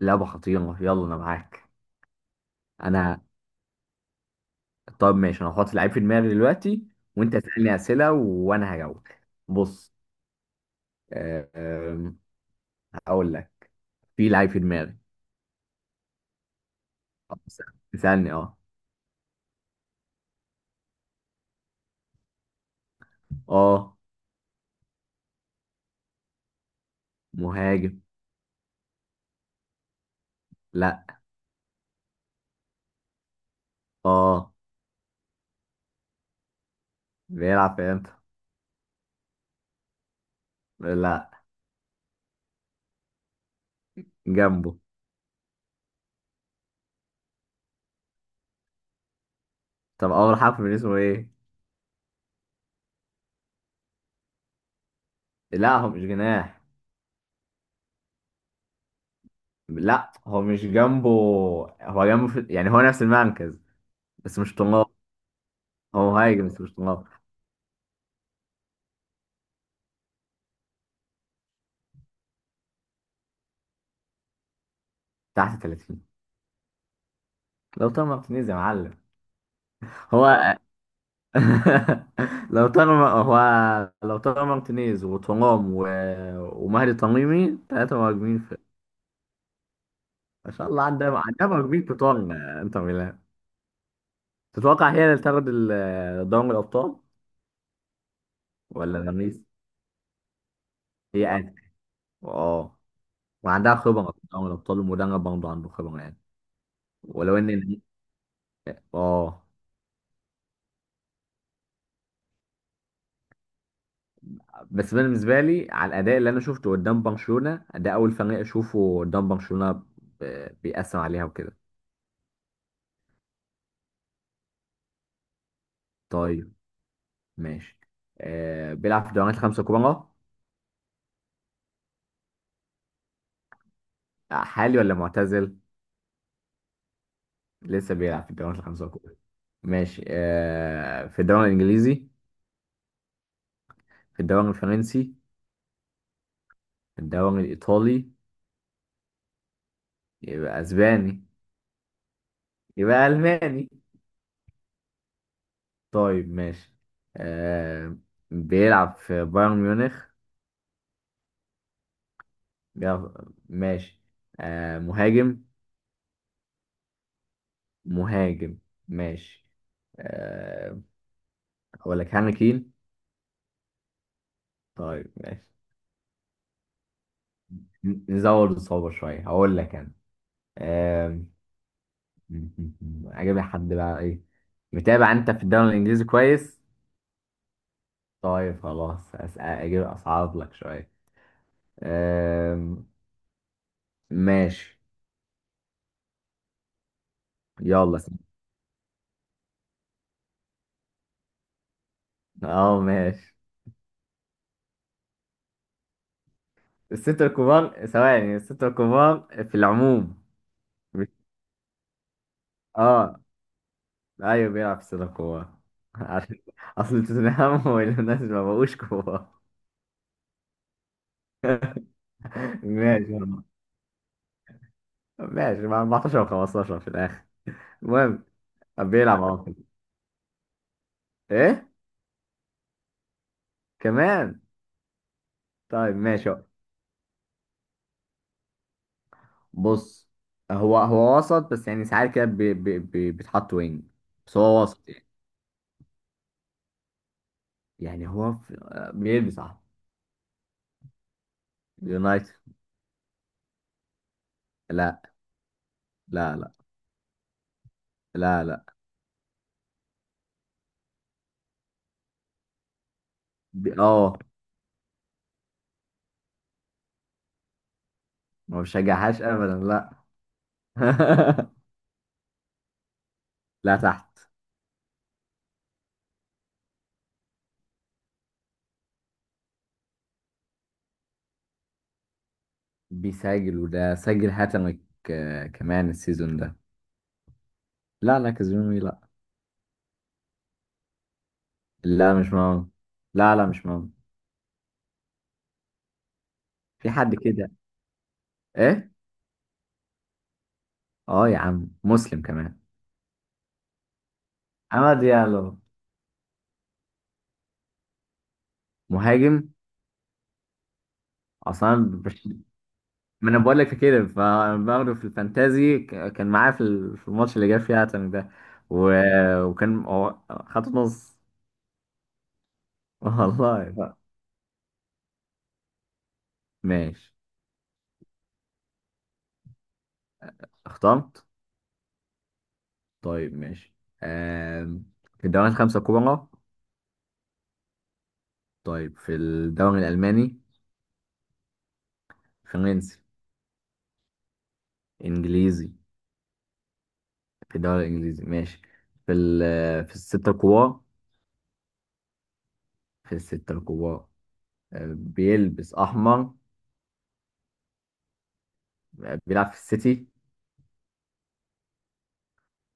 لعبة خطيرة، يلا أنا معاك. أنا. طب ماشي، أنا هحط لعيب في دماغي دلوقتي وأنت تسألني أسئلة وأنا هجاوب. بص. آه، آم، هقول لك، في لعيب في دماغي. آه، بس- اسألني. أه. أه مهاجم. لا. أه بيلعب في إمتى. لا جنبه. طب أول حرف من اسمه إيه؟ لا هو مش جناح. لا هو مش جنبه. هو جنبه يعني هو نفس المركز. بس مش طلاب. هو مهاجم بس مش طلاب. تحت 30. لو طبعا تنيز يا معلم. هو. لو طالما هو، لو طالما مارتينيز وترام ومهدي تميمي، ثلاثة مهاجمين في. ما شاء الله، عندها مهاجمين كتار. انتر ميلان. تتوقع هي اللي تاخد دوري الأبطال ولا باريس؟ هي قاعدة. اه. وعندها خبرة في دوري الأبطال والمدرب برضه عنده خبرة يعني. ولو إن. اه. بس أنا بالنسبة لي على الأداء اللي أنا شفته قدام برشلونة، ده أول فريق أشوفه قدام برشلونة بيأثر عليها وكده. طيب ماشي، آه بيلعب في الدوريات الخمسة الكبرى. آه، حالي ولا معتزل؟ لسه بيلعب في الدوريات الخمسة الكبرى. ماشي، آه في الدوري الإنجليزي. في الدوري الفرنسي. في الدوري الإيطالي. يبقى أسباني. يبقى ألماني. طيب ماشي، آه بيلعب في بايرن ميونخ. ماشي، آه مهاجم. مهاجم. ماشي، آه أقول لك هاري كين. طيب ماشي، نزود الصعوبة شوية هقول لك أنا. آم، اجيب حد بقى ايه. متابع انت في الدوري الانجليزي كويس. طيب خلاص أسأل اجيب اصعب لك شويه. آم، ماشي. يلا اه ماشي. الستة الكبار، ثواني، الستة الكبار في العموم. مش- اه، ايوه بيلعب في الستة الكبار عشان اصل توتنهام والناس ما بقوش كبار. ماشي يلا. ماشي مع 14 و15 في الاخر. المهم بيلعب. اه ايه كمان. طيب ماشي، بص، هو وسط بس يعني ساعات كده بيتحط وينج. بس هو وسط يعني. يعني هو في... بيلبس احمر. يونايتد. لا. لا. لا. لا. لا. اه. ما بشجعهاش ابدا لا. لا تحت. بيسجل وده سجل هاتريك، آه، كمان السيزون ده. لا كازيميرو لا. لا مش مهم. لا لا مش مهم. في حد كده. ايه. اه يا عم مسلم كمان. عماد ديالو. مهاجم اصلا. ما انا بقول لك كده فباخده في الفانتازي، كان معايا في في الماتش اللي جاب فيه عتمي ده وكان هو خط نص. والله ماشي. اخترت. طيب ماشي، آم، في الدوري الخمسة الكبرى. طيب في الدوري الألماني. فرنسي. إنجليزي. في الدوري الإنجليزي ماشي. في ال في الستة الكبار. في الستة الكبار. آه، بيلبس أحمر. آه، بيلعب في السيتي.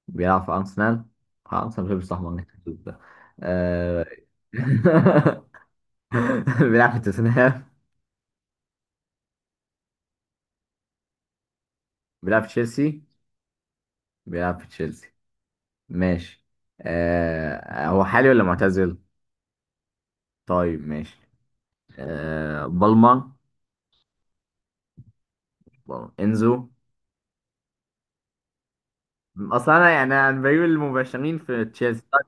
بيلعب في أرسنال. آه، أرسنال بيلبس أحمر، نكتب ده. آه، بيلعب في توتنهام. بيلعب في تشيلسي. بيلعب في تشيلسي. ماشي. آه، هو حالي ولا معتزل؟ طيب ماشي، آه، بالمر. بالمر. إنزو. أصلا أنا يعني أنا بجيب المباشرين في تشيلسي. طيب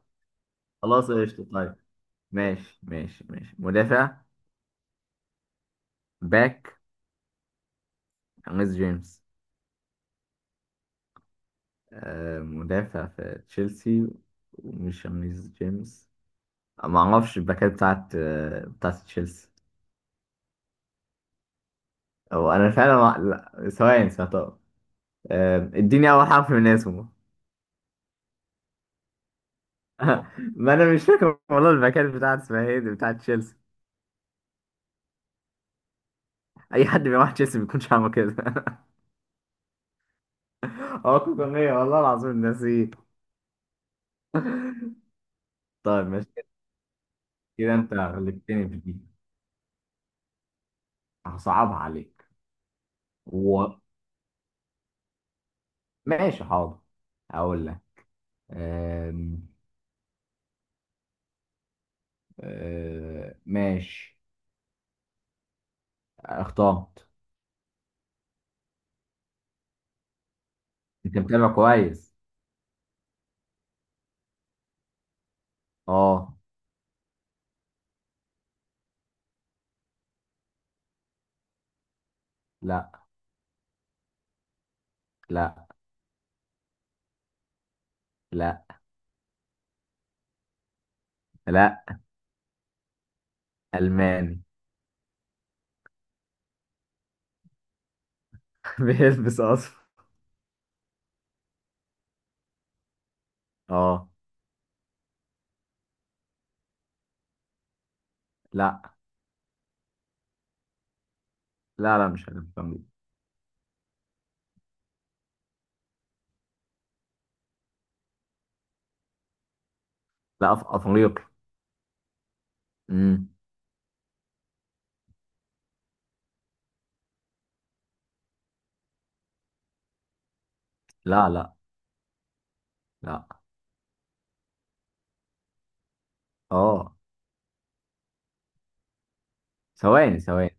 خلاص قشطة. طيب ماشي ماشي مدافع. باك. ريس جيمس. آه، مدافع في تشيلسي، ومش ريس جيمس. ما اعرفش الباكات بتاعت تشيلسي او انا فعلا ما... لا ثواني. آه، اديني اول حرف من اسمه. ما انا مش فاكر والله الباكات بتاعت اسمها ايه دي، بتاعت تشيلسي. اي حد بيروح تشيلسي بيكونش عامل كده. هو كوكونيه والله العظيم، ناسيه. طيب ماشي، كده انت غلبتني في دي، هصعبها عليك. و... ماشي حاضر. هقول لك. أم... ماشي. اخترت. انت متابع كويس اه. لا. لا. لا. لا. ألماني. بيلبس أصفر. اه. لا. لا لا مش ألماني. لا أفريقي. امم. لا. لا. لا. اه ثواني.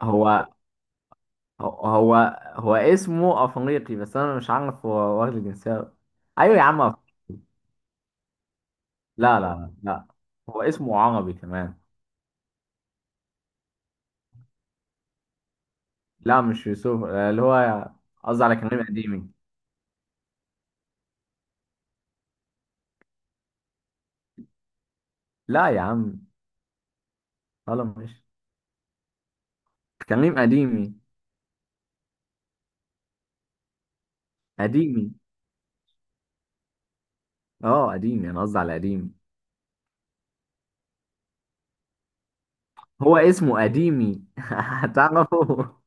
هو هو هو اسمه أفريقي بس أنا مش عارف هو واخد الجنسية. أيوة يا عم لا لا لا. هو اسمه عربي كمان. لا مش يوسف، آه، اللي هو قصدي على كريم قديمي. لا يا عم. خلاص مش كريم قديمي. قديمي. اه قديمي، أنا قصدي على قديمي. هو اسمه قديمي. هتعرفه.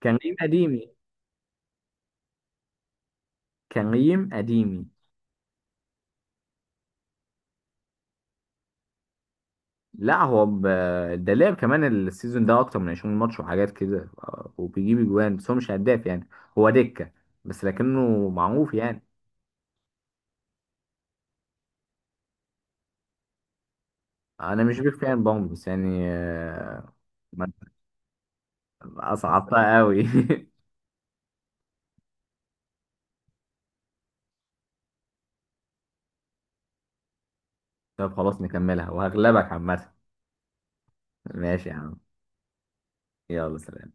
كان ريم قديمي. كان ريم قديمي. لا هو ده لعب كمان السيزون ده اكتر من 20 ماتش وحاجات كده، آه، وبيجيب اجوان بس هو مش هداف يعني. هو دكة بس لكنه معروف يعني. انا مش بيك فان برضه بس يعني آه، ما- اصعبتها قوي. طب خلاص نكملها وهغلبك عامة. ماشي يا عم، يلا سلام.